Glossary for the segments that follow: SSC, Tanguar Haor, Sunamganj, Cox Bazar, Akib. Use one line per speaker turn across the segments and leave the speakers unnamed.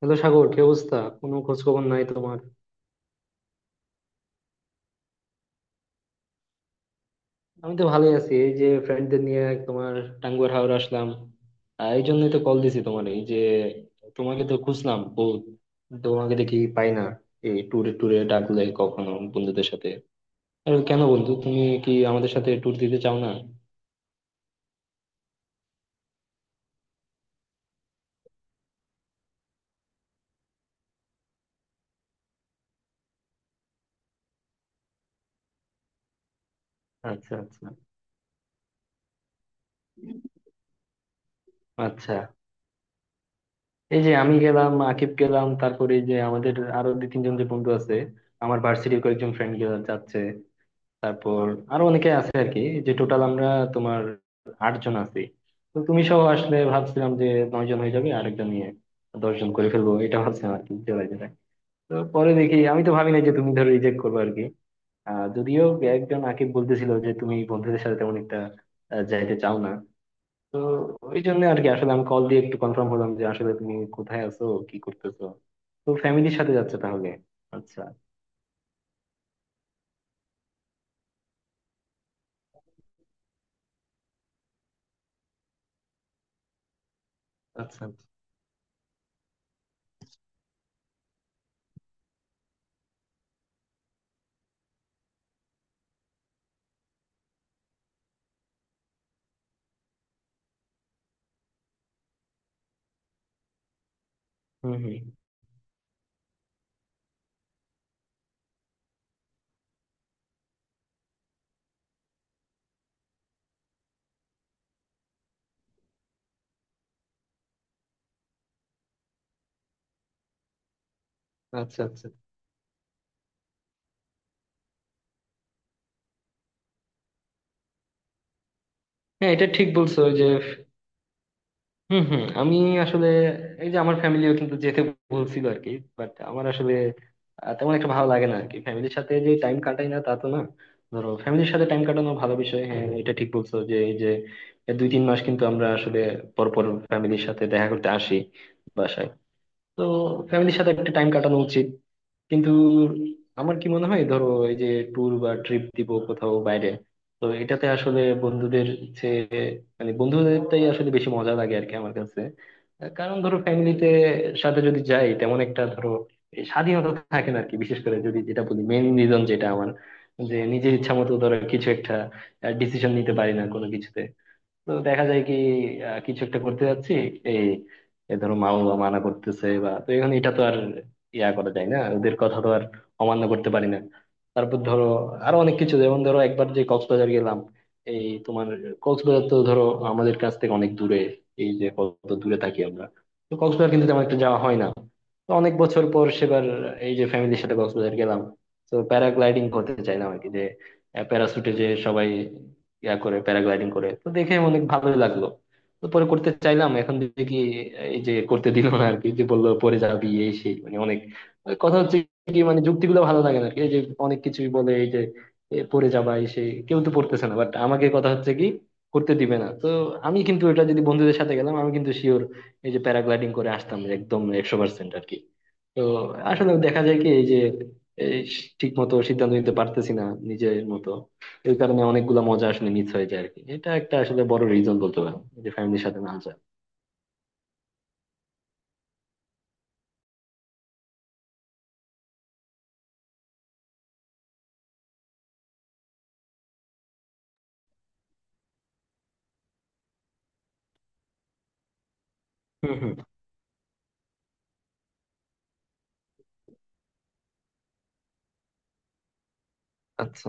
Hello Sagar, কি অবস্থা? কোনো খোঁজ খবর নাই তোমার? আমি তো ভালোই আছি। এই যে ফ্রেন্ডদের নিয়ে তোমার টাঙ্গুয়ার হাওর আসলাম। এই জন্যই তো কল দিছি তোমার। এই যে তোমাকে তো খুঁজলাম বহুত, তোমাকে দেখি পাই না। এই ট্যুরে ট্যুরে ডাকলে কখনো বন্ধুদের সাথে? আর কেন বন্ধু, তুমি কি আমাদের সাথে ট্যুর দিতে চাও না? আচ্ছা আচ্ছা আচ্ছা। এই যে আমি গেলাম, আকিব গেলাম, তারপরে এই যে আমাদের আরো দুই তিনজন যে বন্ধু আছে। আমার ভার্সিটির কয়েকজন ফ্রেন্ড গেলাম, যাচ্ছে। তারপর আরো অনেকে আছে আর কি। যে টোটাল আমরা তোমার 8 জন আছি। তো তুমি সহ আসলে ভাবছিলাম যে 9 জন হয়ে যাবে, আরেকজন নিয়ে 10 জন করে ফেলবো, এটা ভাবছিলাম আর কি, জোড়ায় জোড়ায়। তো পরে দেখি, আমি তো ভাবি নাই যে তুমি ধরো রিজেক্ট করবে আর কি। আহ যদিও একজন, আকিব বলতেছিল যে তুমি বন্ধুদের সাথে তেমন একটা যাইতে চাও না। তো ওই জন্য আর কি, আসলে আমি কল দিয়ে একটু কনফার্ম হলাম যে আসলে তুমি কোথায় আছো, কি করতেছো। তো ফ্যামিলির সাথে যাচ্ছে তাহলে। আচ্ছা আচ্ছা আচ্ছা। হম হম। আচ্ছা আচ্ছা। হ্যাঁ এটা ঠিক বলছো। ওই যে হুম হুম, আমি আসলে এই যে আমার ফ্যামিলিও কিন্তু যেতে বলছিল আর কি। বাট আমার আসলে তেমন একটা ভালো লাগে না আর কি। ফ্যামিলির সাথে যে টাইম কাটাই না তা তো না। ধরো ফ্যামিলির সাথে টাইম কাটানো ভালো বিষয়, হ্যাঁ এটা ঠিক বলছো। যে এই যে দুই তিন মাস কিন্তু আমরা আসলে পরপর ফ্যামিলির সাথে দেখা করতে আসি বাসায়। তো ফ্যামিলির সাথে একটা টাইম কাটানো উচিত। কিন্তু আমার কি মনে হয় ধরো, এই যে ট্যুর বা ট্রিপ দিব কোথাও বাইরে, তো এটাতে আসলে বন্ধুদের চেয়ে, মানে বন্ধুদেরটাই আসলে বেশি মজা লাগে আর কি আমার কাছে। কারণ ধরো ফ্যামিলিতে সাথে যদি যাই তেমন একটা ধরো এই স্বাধীনতা থাকে না আর কি। বিশেষ করে যদি যেটা বলি, মেইন রিজন যেটা আমার, যে নিজের ইচ্ছা মতো ধরো কিছু একটা ডিসিশন নিতে পারি না কোনো কিছুতে। তো দেখা যায় কি, কিছু একটা করতে যাচ্ছি, এই এ ধরো মা বাবা মানা করতেছে, বা তো এখন এটা তো আর ইয়া করা যায় না। ওদের কথা তো আর অমান্য করতে পারি না। তারপর ধরো আরো অনেক কিছু। যেমন ধরো একবার যে কক্সবাজার গেলাম, এই তোমার কক্সবাজার তো ধরো আমাদের কাছ থেকে অনেক দূরে। এই যে কত দূরে থাকি আমরা। তো কক্সবাজার কিন্তু তেমন একটা যাওয়া হয় না। তো অনেক বছর পর সেবার এই যে ফ্যামিলির সাথে কক্সবাজার গেলাম, তো প্যারাগ্লাইডিং করতে চাইলাম আর কি। যে প্যারাসুটে যে সবাই ইয়া করে প্যারাগ্লাইডিং করে, তো দেখে অনেক ভালোই লাগলো। তো পরে করতে চাইলাম, এখন দেখি এই যে করতে দিল না আর কি। যে বললো পরে যাবি, এই সেই, মানে অনেক ওই কথা হচ্ছে কি, মানে যুক্তিগুলো ভালো লাগে না আর কি। এই যে অনেক কিছুই বলে, এই যে পরে যাবা এই সেই, কেউ তো পড়তেছে না, বাট আমাকে কথা হচ্ছে কি, করতে দিবে না। তো আমি কিন্তু এটা যদি বন্ধুদের সাথে গেলাম, আমি কিন্তু শিওর এই যে প্যারাগ্লাইডিং করে আসতাম, একদম 100% আর কি। তো আসলে দেখা যায় কি এই যে, এই ঠিক মতো সিদ্ধান্ত নিতে পারতেছি না নিজের মতো। এই কারণে অনেকগুলা মজা আসলে মিস হয়ে যায় আরকি। এটা একটা আসলে বড় রিজন বলতে পারেন যে ফ্যামিলির সাথে না যাওয়া। হুম হুম। আচ্ছা।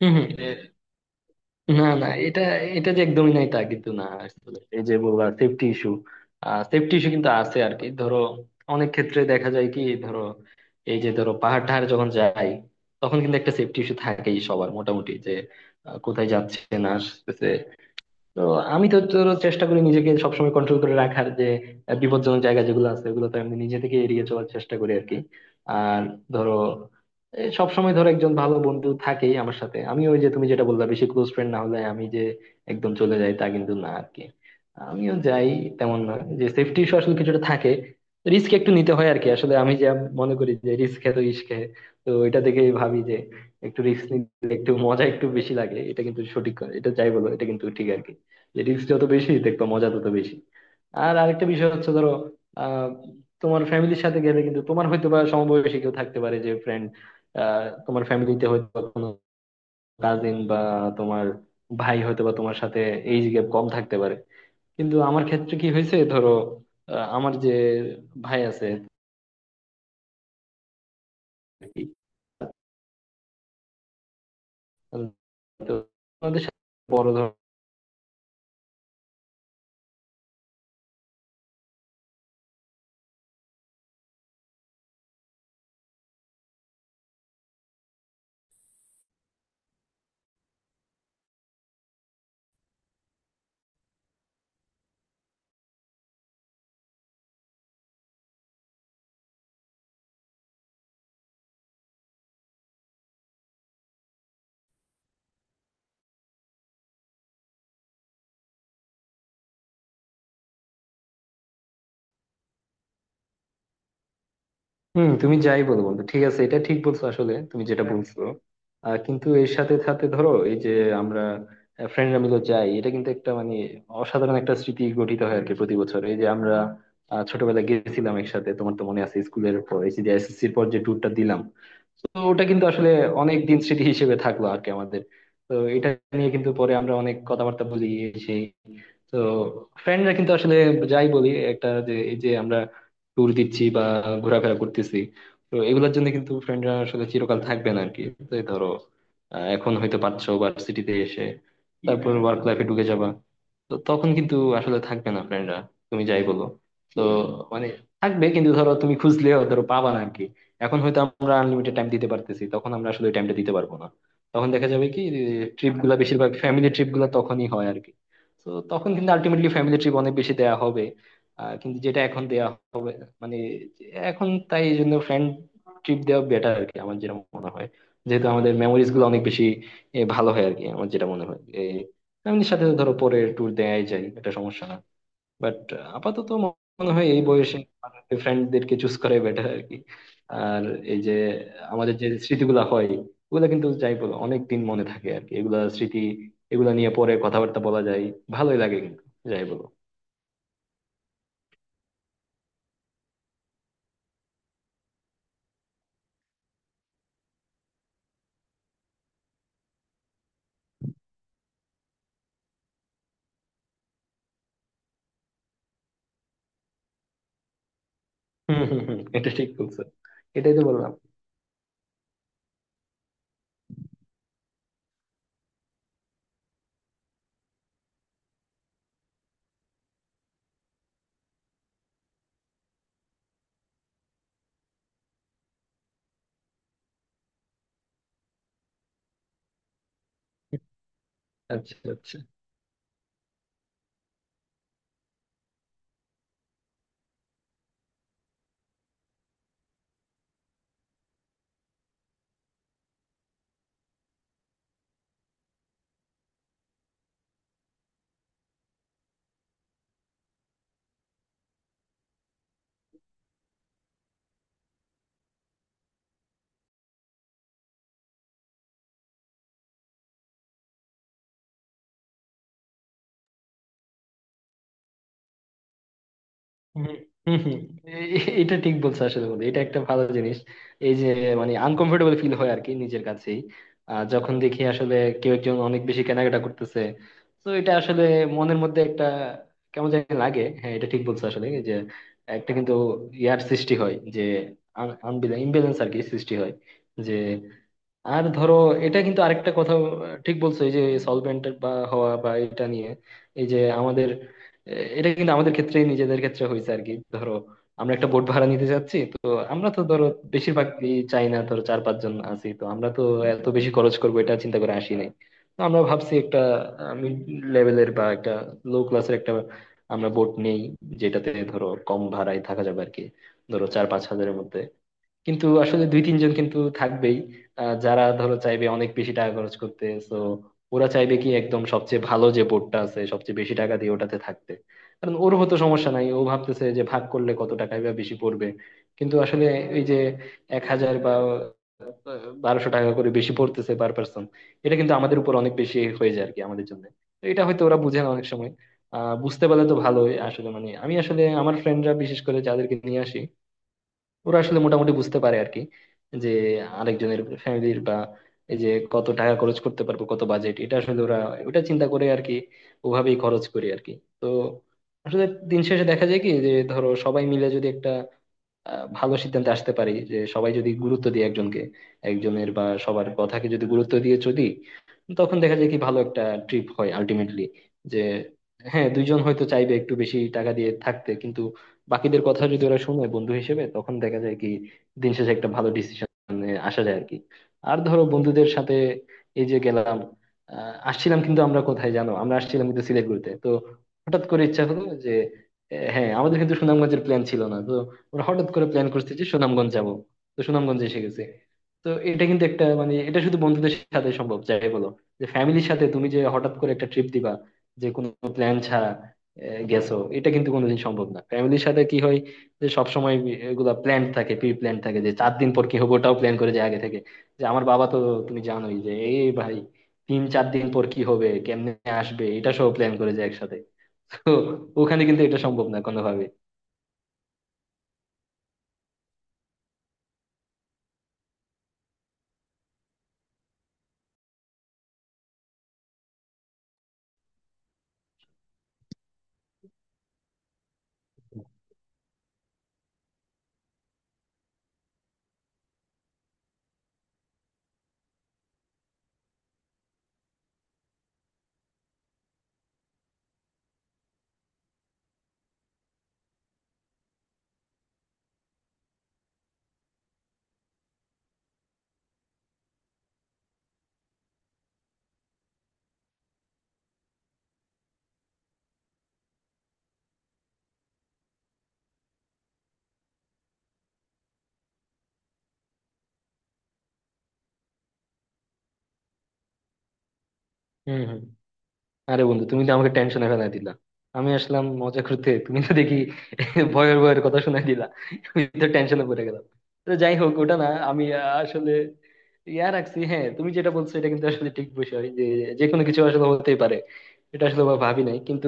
হম হম। না না, এটা, এটা যে একদমই নাই তা কিন্তু না। আসলে এই যে বলবা সেফটি ইস্যু, সেফটি ইস্যু কিন্তু আছে আর কি। ধরো অনেক ক্ষেত্রে দেখা যায় কি ধরো, এই যে ধরো পাহাড় টাহাড় যখন যাই, তখন কিন্তু একটা সেফটি ইস্যু থাকেই সবার মোটামুটি। যে কোথায় যাচ্ছে না আসতেছে। তো আমি তো তোর চেষ্টা করি নিজেকে সবসময় কন্ট্রোল করে রাখার। যে বিপজ্জনক জায়গা যেগুলো আছে ওগুলো তো আমি নিজে থেকে এড়িয়ে চলার চেষ্টা করি আর কি। আর ধরো এই সবসময় ধরো একজন ভালো বন্ধু থাকেই আমার সাথে। আমি ওই যে তুমি যেটা বললা, বেশি ক্লোজ ফ্রেন্ড না হলে আমি যে একদম চলে যাই তা কিন্তু না আর কি। আমিও যাই তেমন না। যে সেফটি ইস্যু আসলে কিছুটা থাকে, রিস্ক একটু নিতে হয় আর কি। আসলে আমি যা মনে করি যে রিস্ক হ্যাঁ তো ইস্ক হ্যাঁ। তো এটা দেখেই ভাবি যে একটু রিস্ক নিতে একটু মজা একটু বেশি লাগে। এটা কিন্তু সঠিক কথা। এটা যাই বলো এটা কিন্তু ঠিক আর কি, যে রিস্ক যত বেশি দেখবা, মজা তত বেশি। আর আরেকটা বিষয় হচ্ছে ধরো, আহ, তোমার ফ্যামিলির সাথে গেলে কিন্তু তোমার হয়তো বা সমবয়সী কেউ থাকতে পারে যে ফ্রেন্ড। আহ তোমার ফ্যামিলিতে হয়তো বা কোনো কাজিন বা তোমার ভাই হয়তো বা তোমার সাথে এইজ গ্যাপ কম থাকতে পারে। কিন্তু আমার ক্ষেত্রে কি হয়েছে ধরো, আমার যে ভাই আছে আর কি, তো ওদের সাথে বড় ধরনের। হুম তুমি যাই বলো বন্ধু, ঠিক আছে, এটা ঠিক বলছো আসলে তুমি যেটা বলছো। কিন্তু এর সাথে সাথে ধরো এই যে আমরা ফ্রেন্ডরা মিলে যাই, এটা কিন্তু একটা মানে অসাধারণ একটা স্মৃতি গঠিত হয় আর কি। প্রতি বছর এই যে আমরা ছোটবেলায় গেছিলাম একসাথে, তোমার তো মনে আছে স্কুলের পর এই যে এসএসসির পর যে ট্যুরটা দিলাম। তো ওটা কিন্তু আসলে অনেক দিন স্মৃতি হিসেবে থাকলো আর কি আমাদের। তো এটা নিয়ে কিন্তু পরে আমরা অনেক কথাবার্তা বলি এই সেই। তো ফ্রেন্ডরা কিন্তু আসলে যাই বলি, একটা যে এই যে আমরা ট্যুর দিচ্ছি বা ঘোরাফেরা করতেছি, তো এগুলোর জন্য কিন্তু ফ্রেন্ডরা আসলে চিরকাল থাকবে না আর কি। তো এই ধরো এখন হয়তো পারছো ভার্সিটিতে এসে, তারপর ওয়ার্ক লাইফে ঢুকে যাবা, তো তখন কিন্তু আসলে থাকবে না ফ্রেন্ডরা, তুমি যাই বলো। তো মানে থাকবে, কিন্তু ধরো তুমি খুঁজলেও ধরো পাবা না আর কি। এখন হয়তো আমরা আনলিমিটেড টাইম দিতে পারতেছি, তখন আমরা আসলে ওই টাইমটা দিতে পারবো না। তখন দেখা যাবে কি, ট্রিপ গুলা বেশিরভাগ ফ্যামিলি ট্রিপ গুলা তখনই হয় আর কি। তো তখন কিন্তু আলটিমেটলি ফ্যামিলি ট্রিপ অনেক বেশি দেয়া হবে। কিন্তু যেটা এখন দেয়া হবে মানে, এখন তাই এই জন্য ফ্রেন্ড ট্রিপ দেওয়া বেটার আর কি আমার যেটা মনে হয়। যেহেতু আমাদের মেমোরিজ গুলো অনেক বেশি ভালো হয় আর কি আমার যেটা মনে হয়। ফ্যামিলির সাথে তো ধরো পরে ট্যুর দেয়াই যায়, এটা সমস্যা না। বাট আপাতত মনে হয় এই বয়সে ফ্রেন্ডদেরকে চুজ করাই বেটার আর কি। আর এই যে আমাদের যে স্মৃতিগুলো হয়, ওগুলা কিন্তু যাই বলো অনেক দিন মনে থাকে আর কি। এগুলা স্মৃতি, এগুলা নিয়ে পরে কথাবার্তা বলা যায়, ভালোই লাগে কিন্তু যাই বলো। হম হম হম। এটা ঠিক বলছো। এটাই তো বললাম। আচ্ছা আচ্ছা। হম হম হম। এ- এটা ঠিক বলছো আসলে বন্ধু, এটা একটা ভালো জিনিস। এই যে মানে আনকমফোর্টেবল ফিল হয় আর কি নিজের কাছেই, যখন দেখি আসলে কেউ একজন অনেক বেশি কেনাকাটা করতেছে। তো এটা আসলে মনের মধ্যে একটা কেমন জানি লাগে। হ্যাঁ এটা ঠিক বলছো আসলে। এই যে একটা কিন্তু ইয়ার সৃষ্টি হয়, যে ইমব্যালেন্স আর কি সৃষ্টি হয়। যে আর ধরো এটা কিন্তু আরেকটা কথা, ঠিক বলছো এই যে সলভেন্ট বা হওয়া বা এটা নিয়ে। এই যে আমাদের এটা কিন্তু আমাদের ক্ষেত্রে নিজেদের ক্ষেত্রে হয়েছে আর কি। ধরো আমরা একটা বোট ভাড়া নিতে যাচ্ছি। তো আমরা তো ধরো বেশিরভাগ চাই না, ধরো চার পাঁচ জন আছি তো আমরা তো এত বেশি খরচ করবো এটা চিন্তা করে আসি নাই। তো আমরা ভাবছি একটা মিড লেভেলের বা একটা লো ক্লাসের একটা আমরা বোট নেই, যেটাতে ধরো কম ভাড়ায় থাকা যাবে আর কি, ধরো চার পাঁচ হাজারের মধ্যে। কিন্তু আসলে দুই তিনজন কিন্তু থাকবেই, যারা ধরো চাইবে অনেক বেশি টাকা খরচ করতে। তো ওরা চাইবে কি, একদম সবচেয়ে ভালো যে বোর্ডটা আছে সবচেয়ে বেশি টাকা দিয়ে ওটাতে থাকতে। কারণ ওর হতো সমস্যা নাই, ও ভাবতেছে যে ভাগ করলে কত টাকাই বা বেশি পড়বে। কিন্তু আসলে এই যে 1,000 বা 1,200 টাকা করে বেশি পড়তেছে পার পার্সন, এটা কিন্তু আমাদের উপর অনেক বেশি হয়ে যায় আর কি আমাদের জন্য। তো এটা হয়তো ওরা বুঝে না অনেক সময়। আহ বুঝতে পারলে তো ভালোই। আসলে মানে আমি আসলে আমার ফ্রেন্ডরা, বিশেষ করে যাদেরকে নিয়ে আসি, ওরা আসলে মোটামুটি বুঝতে পারে আর কি। যে আরেকজনের ফ্যামিলির বা এই যে কত টাকা খরচ করতে পারবো কত বাজেট, এটা আসলে ওরা ওটা চিন্তা করে আর কি, ওভাবেই খরচ করি আর কি। তো আসলে দিন শেষে দেখা যায় কি, যে ধরো সবাই মিলে যদি একটা ভালো সিদ্ধান্তে আসতে পারি, যে সবাই যদি গুরুত্ব দিয়ে একজনকে, একজনের বা সবার কথাকে যদি গুরুত্ব দিয়ে চলি, তখন দেখা যায় কি ভালো একটা ট্রিপ হয় আলটিমেটলি। যে হ্যাঁ দুইজন হয়তো চাইবে একটু বেশি টাকা দিয়ে থাকতে, কিন্তু বাকিদের কথা যদি ওরা শুনে বন্ধু হিসেবে, তখন দেখা যায় কি দিন শেষে একটা ভালো ডিসিশনে আসা যায় আর কি। আর ধরো বন্ধুদের সাথে এই যে গেলাম, আসছিলাম কিন্তু আমরা কোথায় জানো, আমরা আসছিলাম কিন্তু সিলেট ঘুরতে। তো হঠাৎ করে ইচ্ছা হলো যে, হ্যাঁ আমাদের কিন্তু সুনামগঞ্জের প্ল্যান ছিল না। তো ওরা হঠাৎ করে প্ল্যান করছে যে সুনামগঞ্জ যাবো, তো সুনামগঞ্জে এসে গেছে। তো এটা কিন্তু একটা মানে এটা শুধু বন্ধুদের সাথে সম্ভব যাই বলো। যে ফ্যামিলির সাথে তুমি যে হঠাৎ করে একটা ট্রিপ দিবা, যে কোনো প্ল্যান ছাড়া গেছো, এটা কিন্তু কোনোদিন সম্ভব না। ফ্যামিলির সাথে কি হয়, যে সবসময় এগুলা প্ল্যান থাকে, প্রি প্ল্যান থাকে, যে চার দিন পর কি হবে ওটাও প্ল্যান করে যায় আগে থেকে। যে আমার বাবা তো, তুমি জানোই যে এই ভাই তিন চার দিন পর কি হবে, কেমনে আসবে, এটা সব প্ল্যান করে যায় একসাথে। তো ওখানে কিন্তু এটা সম্ভব না কোনোভাবে। হম। আরে বন্ধু তুমি তো আমাকে টেনশনে ফেলাই দিলা। আমি আসলাম মজা করতে, তুমি তো দেখি ভয়ের ভয়ের কথা শুনাই দিলা। আমি তো টেনশনে পড়ে গেলাম। তো যাই হোক ওটা না, আমি আসলে ইয়া রাখছি। হ্যাঁ তুমি যেটা বলছো এটা কিন্তু আসলে ঠিক বিষয়, যে যে কোনো কিছু আসলে হতেই পারে, এটা আসলে ভাবি নাই কিন্তু।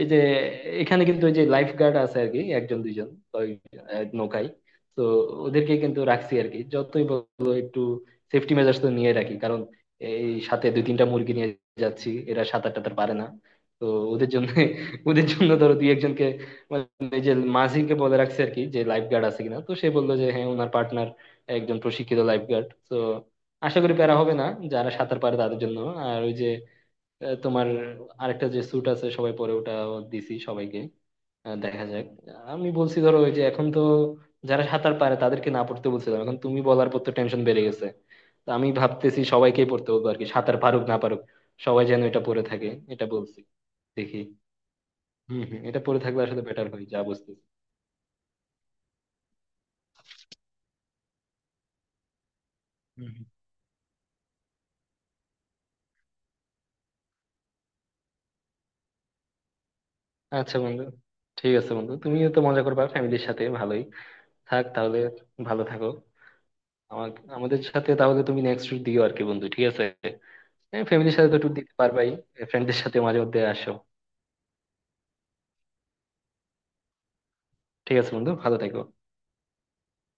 এই যে এখানে কিন্তু ওই যে লাইফ গার্ড আছে আর কি একজন দুইজন, ওই, নৌকায়। তো ওদেরকে কিন্তু রাখছি আর কি, যতই বলো একটু সেফটি মেজার্স তো নিয়ে রাখি। কারণ এই সাথে দুই তিনটা মুরগি নিয়ে যাচ্ছি, এরা সাঁতার টাতার পারে না। তো ওদের জন্য ওদের জন্য ধরো দুই একজনকে মানে এই যে মাঝিকে বলে রাখছে আর কি, যে লাইফ গার্ড আছে কিনা। তো সে বললো যে হ্যাঁ, ওনার পার্টনার একজন প্রশিক্ষিত লাইফ গার্ড। তো আশা করি প্যারা হবে না যারা সাঁতার পারে তাদের জন্য। আর ওই যে তোমার আরেকটা যে স্যুট আছে সবাই পরে, ওটা দিছি সবাইকে। দেখা যাক। আমি বলছি ধরো ওই যে এখন তো যারা সাঁতার পারে তাদেরকে না পড়তে বলছিলাম, এখন তুমি বলার পর তো টেনশন বেড়ে গেছে। তো আমি ভাবতেছি সবাইকেই পড়তে বলবো আর কি, সাঁতার পারুক না পারুক সবাই যেন এটা পরে থাকে, এটা বলছি, দেখি। হম হম এটা পরে থাকলে আসলে বেটার হয় যা বুঝতেছি। হুম, হুম। আচ্ছা বন্ধু, ঠিক আছে বন্ধু, তুমিও তো মজা করবা ফ্যামিলির সাথে, ভালোই থাক তাহলে। ভালো থাকো। আমার আমাদের সাথে তাহলে তুমি নেক্সট উইক দিও আর কি বন্ধু, ঠিক আছে? ফ্যামিলির সাথে তো ট্যুর দিতে পারবাই, ফ্রেন্ডদের সাথে মাঝে মধ্যে আসো। ঠিক আছে বন্ধু, ভালো থেকো।